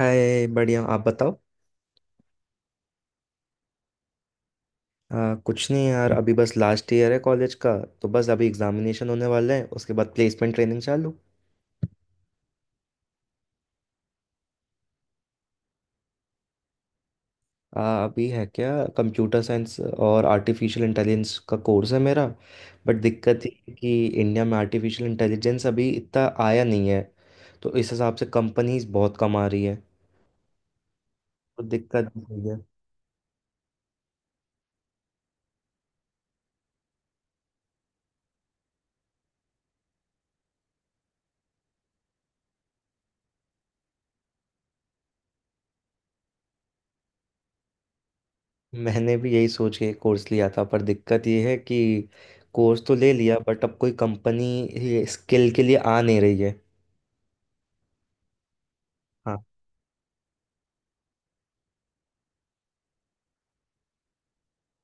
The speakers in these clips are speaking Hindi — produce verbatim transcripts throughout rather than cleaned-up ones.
हाय, बढ़िया, आप बताओ। आ, कुछ नहीं यार, अभी बस लास्ट ईयर है कॉलेज का। तो बस अभी एग्जामिनेशन होने वाले हैं, उसके बाद प्लेसमेंट ट्रेनिंग चालू। आ, अभी है क्या, कंप्यूटर साइंस और आर्टिफिशियल इंटेलिजेंस का कोर्स है मेरा। बट दिक्कत ये है कि इंडिया में आर्टिफिशियल इंटेलिजेंस अभी इतना आया नहीं है। तो इस हिसाब से कंपनीज बहुत कम आ रही है। तो दिक्कत यही है। मैंने भी यही सोच के कोर्स लिया था, पर दिक्कत ये है कि कोर्स तो ले लिया बट अब कोई कंपनी स्किल के लिए आ नहीं रही है। हाँ।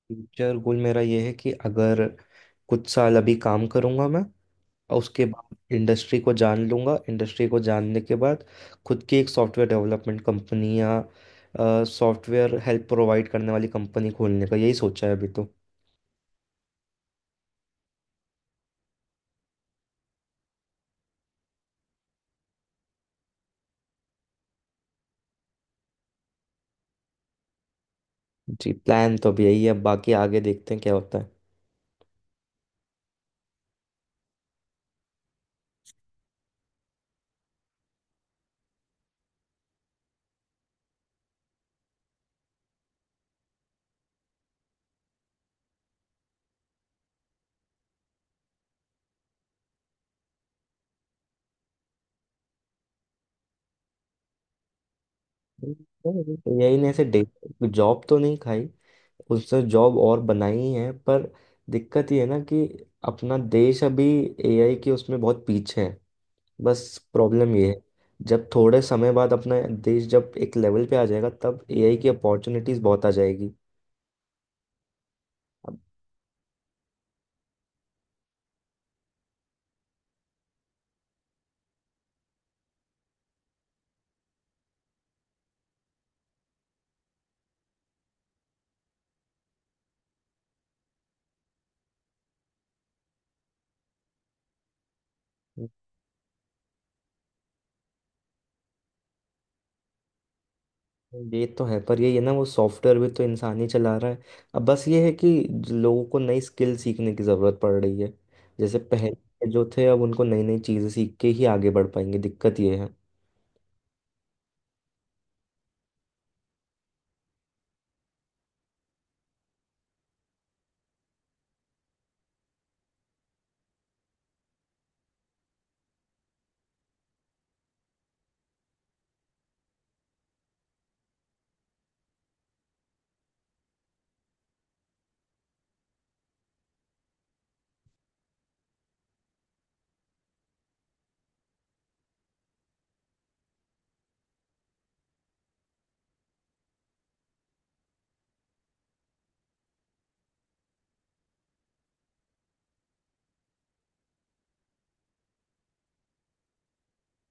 फ्यूचर गोल मेरा ये है कि अगर कुछ साल अभी काम करूंगा मैं और उसके बाद इंडस्ट्री को जान लूंगा। इंडस्ट्री को जानने के बाद खुद की एक सॉफ्टवेयर डेवलपमेंट कंपनी या सॉफ्टवेयर हेल्प प्रोवाइड करने वाली कंपनी खोलने का, यही सोचा है अभी तो। जी, प्लान तो अभी यही है, बाकी आगे देखते हैं क्या होता है। यही ने ऐसे डे। जॉब तो नहीं खाई। उसने जॉब और बनाई ही है, पर दिक्कत ये है ना कि अपना देश अभी एआई के उसमें बहुत पीछे है। बस प्रॉब्लम ये है। जब थोड़े समय बाद अपना देश जब एक लेवल पे आ जाएगा तब एआई की अपॉर्चुनिटीज बहुत आ जाएगी। अब, ये तो है। पर ये है ना, वो सॉफ्टवेयर भी तो इंसान ही चला रहा है। अब बस ये है कि ज- लोगों को नई स्किल सीखने की ज़रूरत पड़ रही है। जैसे पहले के जो थे, अब उनको नई नई चीज़ें सीख के ही आगे बढ़ पाएंगे, दिक्कत ये है।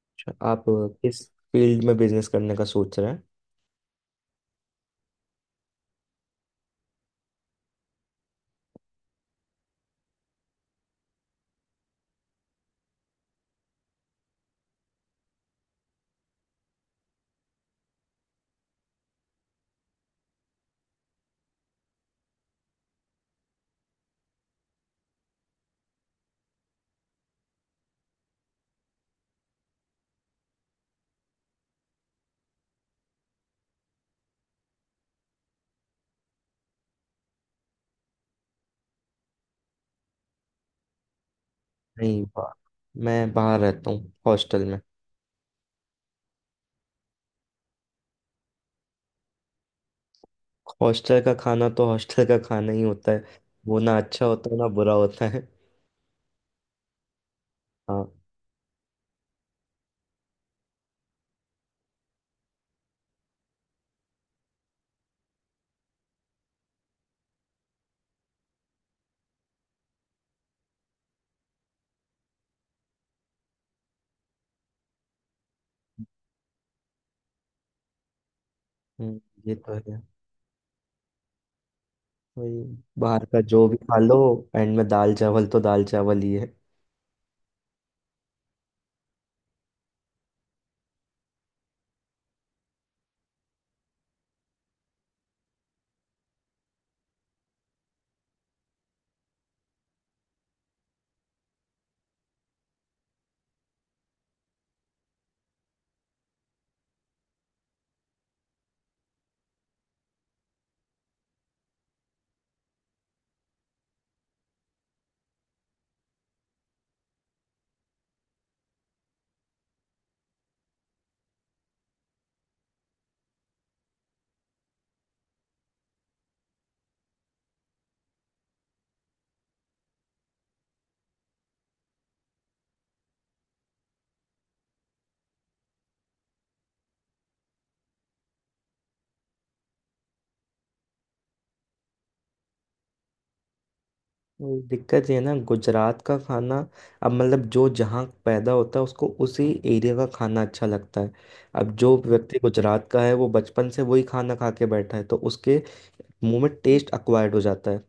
अच्छा, आप किस फील्ड में बिजनेस करने का सोच रहे हैं? नहीं, बाहर, मैं बाहर रहता हूँ हॉस्टल में। हॉस्टल का खाना तो हॉस्टल का खाना ही होता है। वो ना अच्छा होता है ना बुरा होता है। हाँ। हम्म, ये तो है। वही। बाहर का जो भी खा लो, एंड में दाल चावल तो दाल चावल ही है। वही दिक्कत ये है ना, गुजरात का खाना। अब मतलब जो जहाँ पैदा होता है उसको उसी एरिया का खाना अच्छा लगता है। अब जो व्यक्ति गुजरात का है वो बचपन से वही खाना खा के बैठा है, तो उसके मुंह में टेस्ट अक्वायर्ड हो जाता है।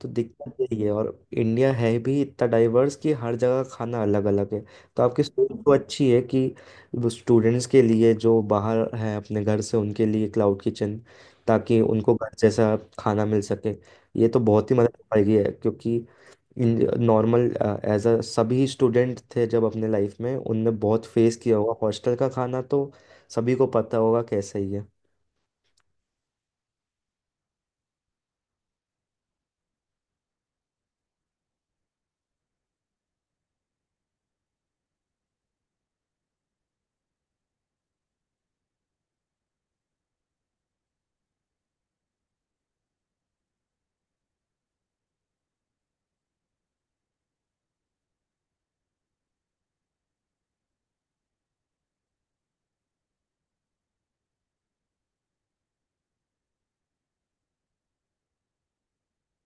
तो दिक्कत यही है। और इंडिया है भी इतना डाइवर्स कि हर जगह खाना अलग अलग है। तो आपकी सोच तो अच्छी है कि वो स्टूडेंट्स के लिए जो बाहर हैं अपने घर से, उनके लिए क्लाउड किचन, ताकि उनको घर जैसा खाना मिल सके। ये तो बहुत ही मदद पाएगी है क्योंकि नॉर्मल एज अ सभी स्टूडेंट थे जब अपने लाइफ में, उनने बहुत फेस किया होगा हॉस्टल का खाना। तो सभी को पता होगा कैसा ही है।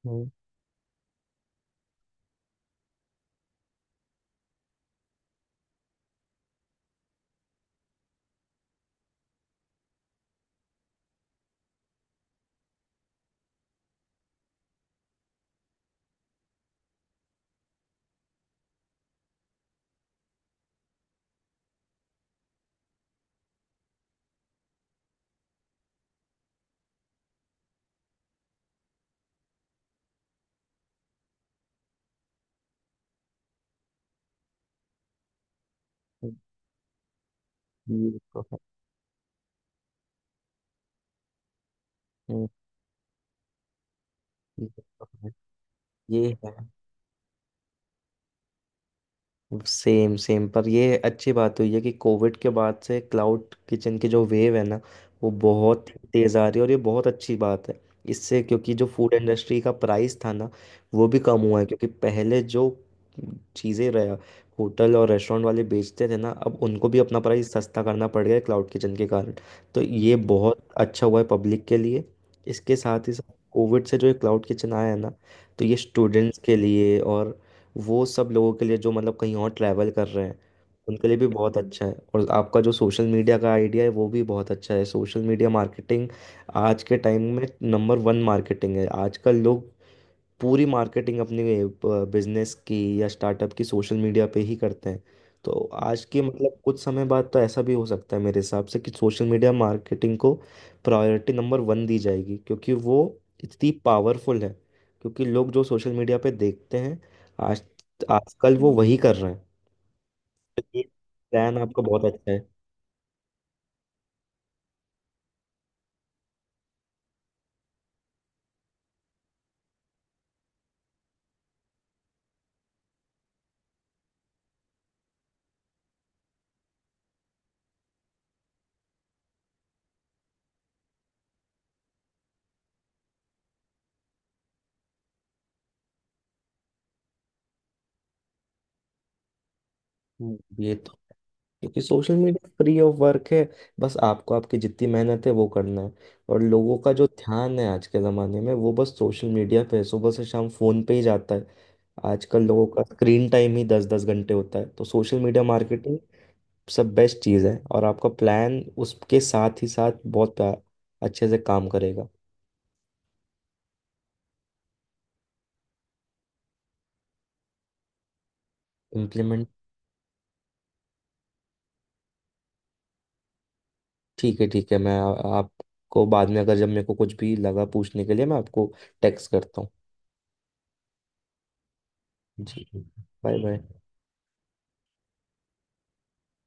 हम्म, हम्म, ये तो है। हम्म। ये तो है। ये है। Same same. पर ये अच्छी बात हुई है कि कोविड के बाद से क्लाउड किचन की जो वेव है ना, वो बहुत ही तेज़ आ रही है, और ये बहुत अच्छी बात है। इससे, क्योंकि जो फूड इंडस्ट्री का प्राइस था ना, वो भी कम हुआ है। क्योंकि पहले जो चीज़ें रहा, होटल और रेस्टोरेंट वाले बेचते थे ना, अब उनको भी अपना प्राइस सस्ता करना पड़ गया क्लाउड किचन के कारण। तो ये बहुत अच्छा हुआ है पब्लिक के लिए। इसके साथ ही साथ, कोविड से जो ये क्लाउड किचन आया है ना, तो ये स्टूडेंट्स के लिए और वो सब लोगों के लिए जो मतलब कहीं और ट्रैवल कर रहे हैं, उनके लिए भी बहुत अच्छा है। और आपका जो सोशल मीडिया का आइडिया है, वो भी बहुत अच्छा है। सोशल मीडिया मार्केटिंग आज के टाइम में नंबर वन मार्केटिंग है। आजकल लोग पूरी मार्केटिंग अपने बिजनेस की या स्टार्टअप की सोशल मीडिया पे ही करते हैं। तो आज के, मतलब कुछ समय बाद तो ऐसा भी हो सकता है मेरे हिसाब से कि सोशल मीडिया मार्केटिंग को प्रायोरिटी नंबर वन दी जाएगी, क्योंकि वो इतनी पावरफुल है। क्योंकि लोग जो सोशल मीडिया पे देखते हैं, आज आजकल वो वही कर रहे हैं। तो ये प्लान आपका बहुत अच्छा है। हम्म। ये तो, क्योंकि social media free of work है। बस आपको, आपकी जितनी मेहनत है वो करना है। और लोगों का जो ध्यान है आज के ज़माने में वो बस सोशल मीडिया पे है, सुबह से शाम फ़ोन पे ही जाता है। आजकल लोगों का स्क्रीन टाइम ही दस दस घंटे होता है, तो सोशल मीडिया मार्केटिंग सब बेस्ट चीज़ है। और आपका प्लान उसके साथ ही साथ बहुत प्या- अच्छे से काम करेगा। इम्प्लीमेंट। ठीक है, ठीक है, मैं आ- आपको बाद में अगर जब मेरे को कुछ भी लगा पूछने के लिए, मैं आपको टेक्स्ट करता हूँ। जी। Bye bye.